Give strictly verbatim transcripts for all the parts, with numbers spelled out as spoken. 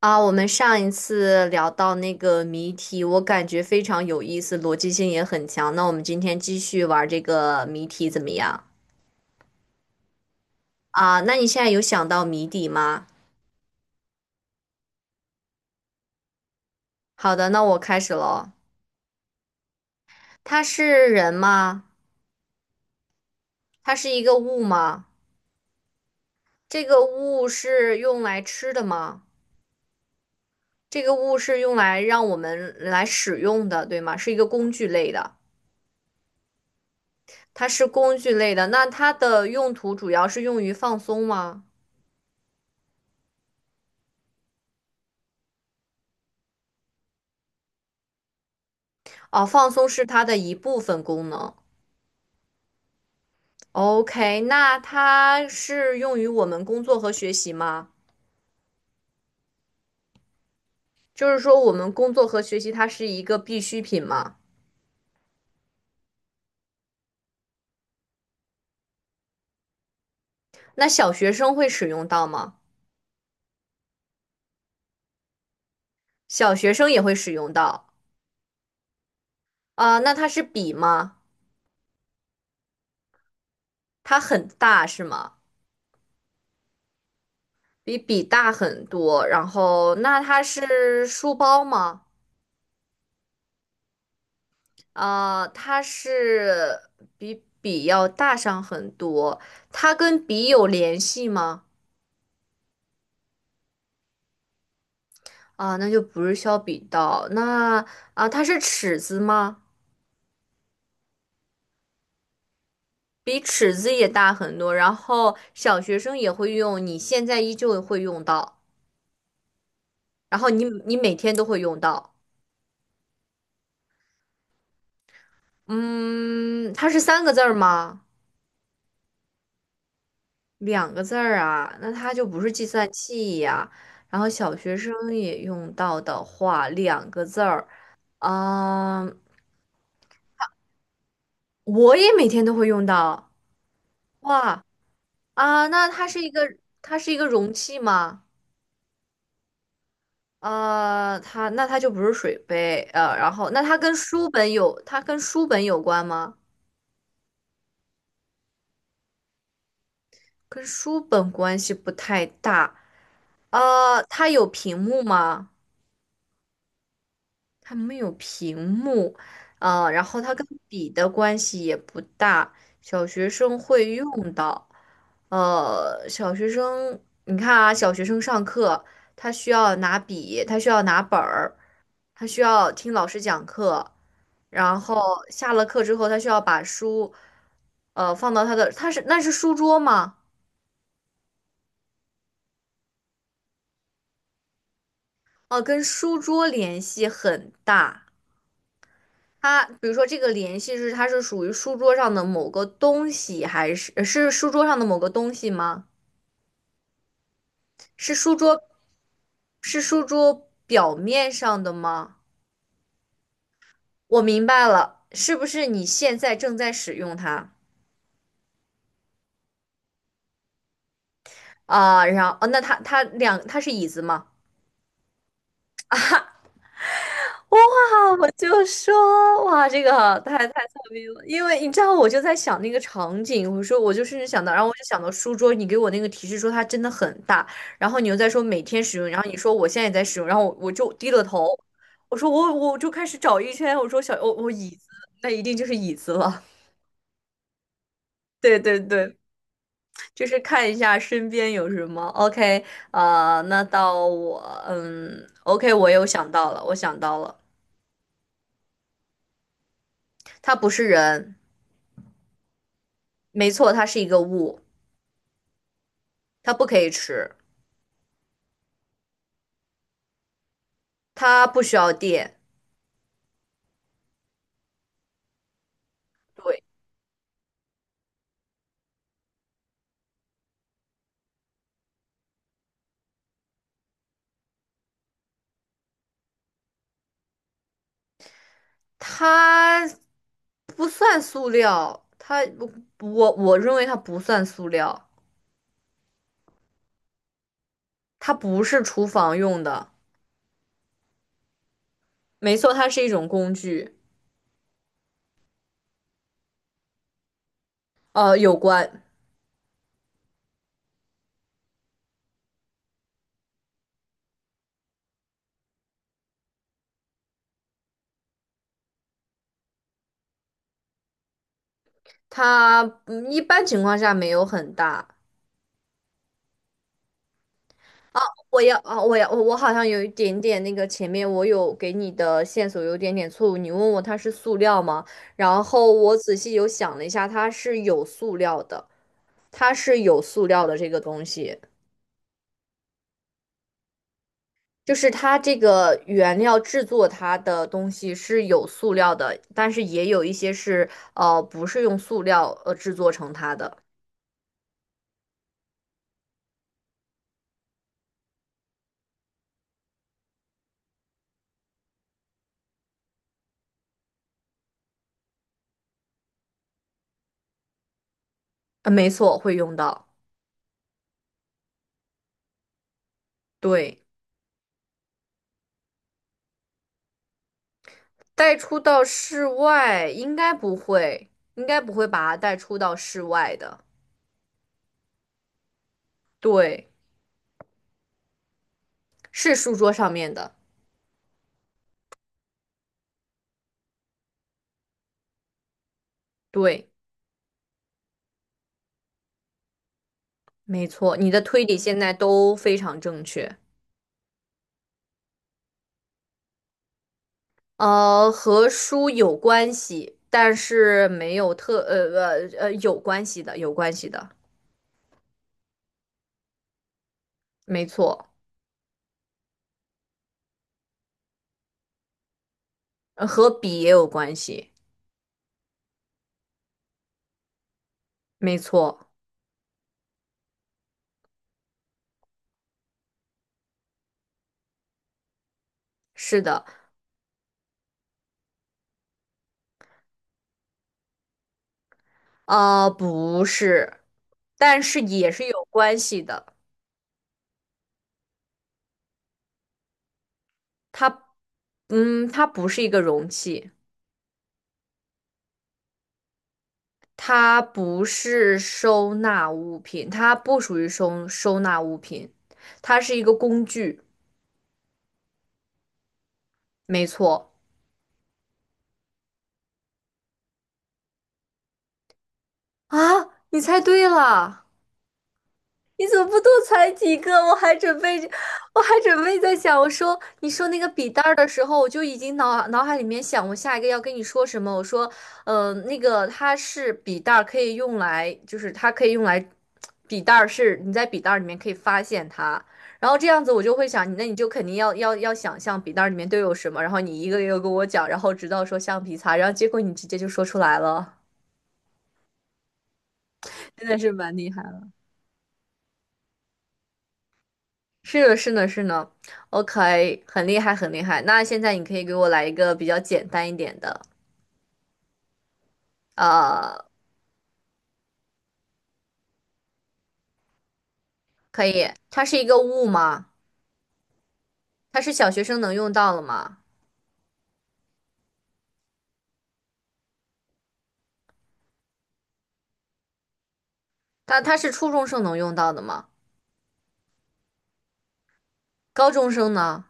啊，我们上一次聊到那个谜题，我感觉非常有意思，逻辑性也很强。那我们今天继续玩这个谜题怎么样？啊，那你现在有想到谜底吗？好的，那我开始喽。它是人吗？它是一个物吗？这个物是用来吃的吗？这个物是用来让我们来使用的，对吗？是一个工具类的，它是工具类的。那它的用途主要是用于放松吗？哦，放松是它的一部分功能。OK，那它是用于我们工作和学习吗？就是说，我们工作和学习它是一个必需品吗？那小学生会使用到吗？小学生也会使用到。啊，那它是笔吗？它很大是吗？比笔大很多。然后，那它是书包吗？啊，它是比笔要大上很多。它跟笔有联系吗？啊，那就不是削笔刀。那啊，它是尺子吗？比尺子也大很多，然后小学生也会用，你现在依旧会用到，然后你你每天都会用到。嗯，它是三个字儿吗？两个字儿啊，那它就不是计算器呀。然后小学生也用到的话，两个字儿，嗯，我也每天都会用到。哇啊，那它是一个它是一个容器吗？呃，它那它就不是水杯。呃，然后那它跟书本有它跟书本有关吗？跟书本关系不太大。呃，它有屏幕吗？它没有屏幕。呃，然后它跟笔的关系也不大，小学生会用到。呃，小学生，你看啊，小学生上课，他需要拿笔，他需要拿本儿。他需要听老师讲课，然后下了课之后，他需要把书，呃，放到他的，他是那是书桌吗？哦，跟书桌联系很大。他比如说这个联系是它是属于书桌上的某个东西，还是呃是书桌上的某个东西吗？是书桌是书桌表面上的吗？我明白了，是不是你现在正在使用它啊？然后哦，那他他两他是椅子吗？哇，我就说哇，这个太太聪明了，因为你知道，我就在想那个场景，我说我就甚至想到，然后我就想到书桌，你给我那个提示说它真的很大，然后你又在说每天使用，然后你说我现在也在使用，然后我我就低了头，我说我我就开始找一圈，我说小我我椅子，那一定就是椅子了。对对对，就是看一下身边有什么。OK，呃，那到我。嗯，OK，我又想到了，我想到了。它不是人。没错，它是一个物。它不可以吃。它不需要电。对，它不算塑料。它我我认为它不算塑料。它不是厨房用的。没错，它是一种工具。呃，有关。它嗯一般情况下没有很大。我要啊，我要我我好像有一点点那个前面我有给你的线索有点点错误，你问我它是塑料吗？然后我仔细有想了一下，它是有塑料的，它是有塑料的这个东西。就是它这个原料制作它的东西是有塑料的，但是也有一些是呃不是用塑料呃制作成它的。呃，没错，会用到。对。带出到室外应该不会，应该不会把它带出到室外的。对，是书桌上面的。对，没错，你的推理现在都非常正确。呃，和书有关系，但是没有特呃呃呃有关系的，有关系的。没错。呃和笔也有关系。没错，是的。呃，不是，但是也是有关系的。它，嗯，它不是一个容器。它不是收纳物品，它不属于收收纳物品。它是一个工具。没错。啊，你猜对了。你怎么不多裁几个？我还准备，我还准备在想，我说你说那个笔袋儿的时候，我就已经脑脑海里面想我下一个要跟你说什么。我说，呃，那个它是笔袋儿，可以用来，就是它可以用来，笔袋儿是你在笔袋儿里面可以发现它。然后这样子我就会想，你那你就肯定要要要想象笔袋儿里面都有什么，然后你一个一个跟我讲，然后直到说橡皮擦，然后结果你直接就说出来了。真的是蛮厉害。是的，是的，是的，OK，很厉害，很厉害。那现在你可以给我来一个比较简单一点的。呃，可以。它是一个物吗？它是小学生能用到的吗？它它是初中生能用到的吗？高中生呢？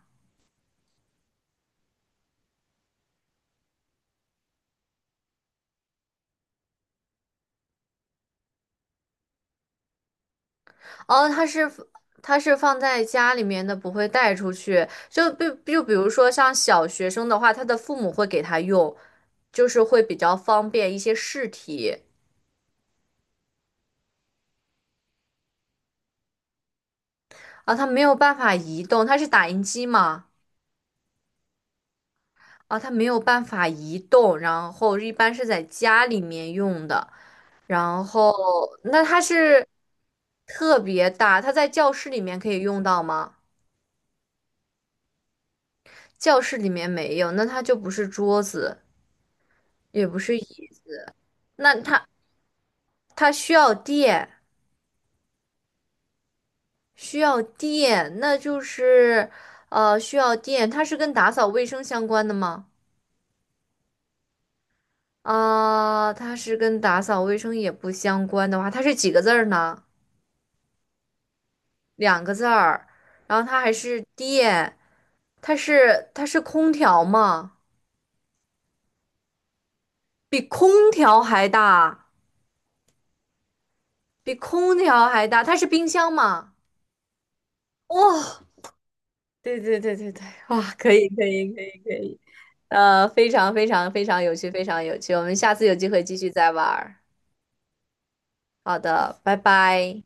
哦，它是它是放在家里面的，不会带出去。就比就比如说像小学生的话，他的父母会给他用，就是会比较方便一些试题啊。他没有办法移动，它是打印机吗？啊，它没有办法移动，然后一般是在家里面用的，然后那它是特别大，它在教室里面可以用到吗？教室里面没有，那它就不是桌子，也不是椅子。那它它需要电，需要电，那就是呃需要电。它是跟打扫卫生相关的吗？啊、它是跟打扫卫生也不相关的话，它是几个字儿呢？两个字儿，然后它还是电，它是它是空调吗？比空调还大，比空调还大，它是冰箱吗？哦，对对对对对，哇，可以可以可以可以。呃，非常非常非常有趣，非常有趣，我们下次有机会继续再玩儿。好的，拜拜。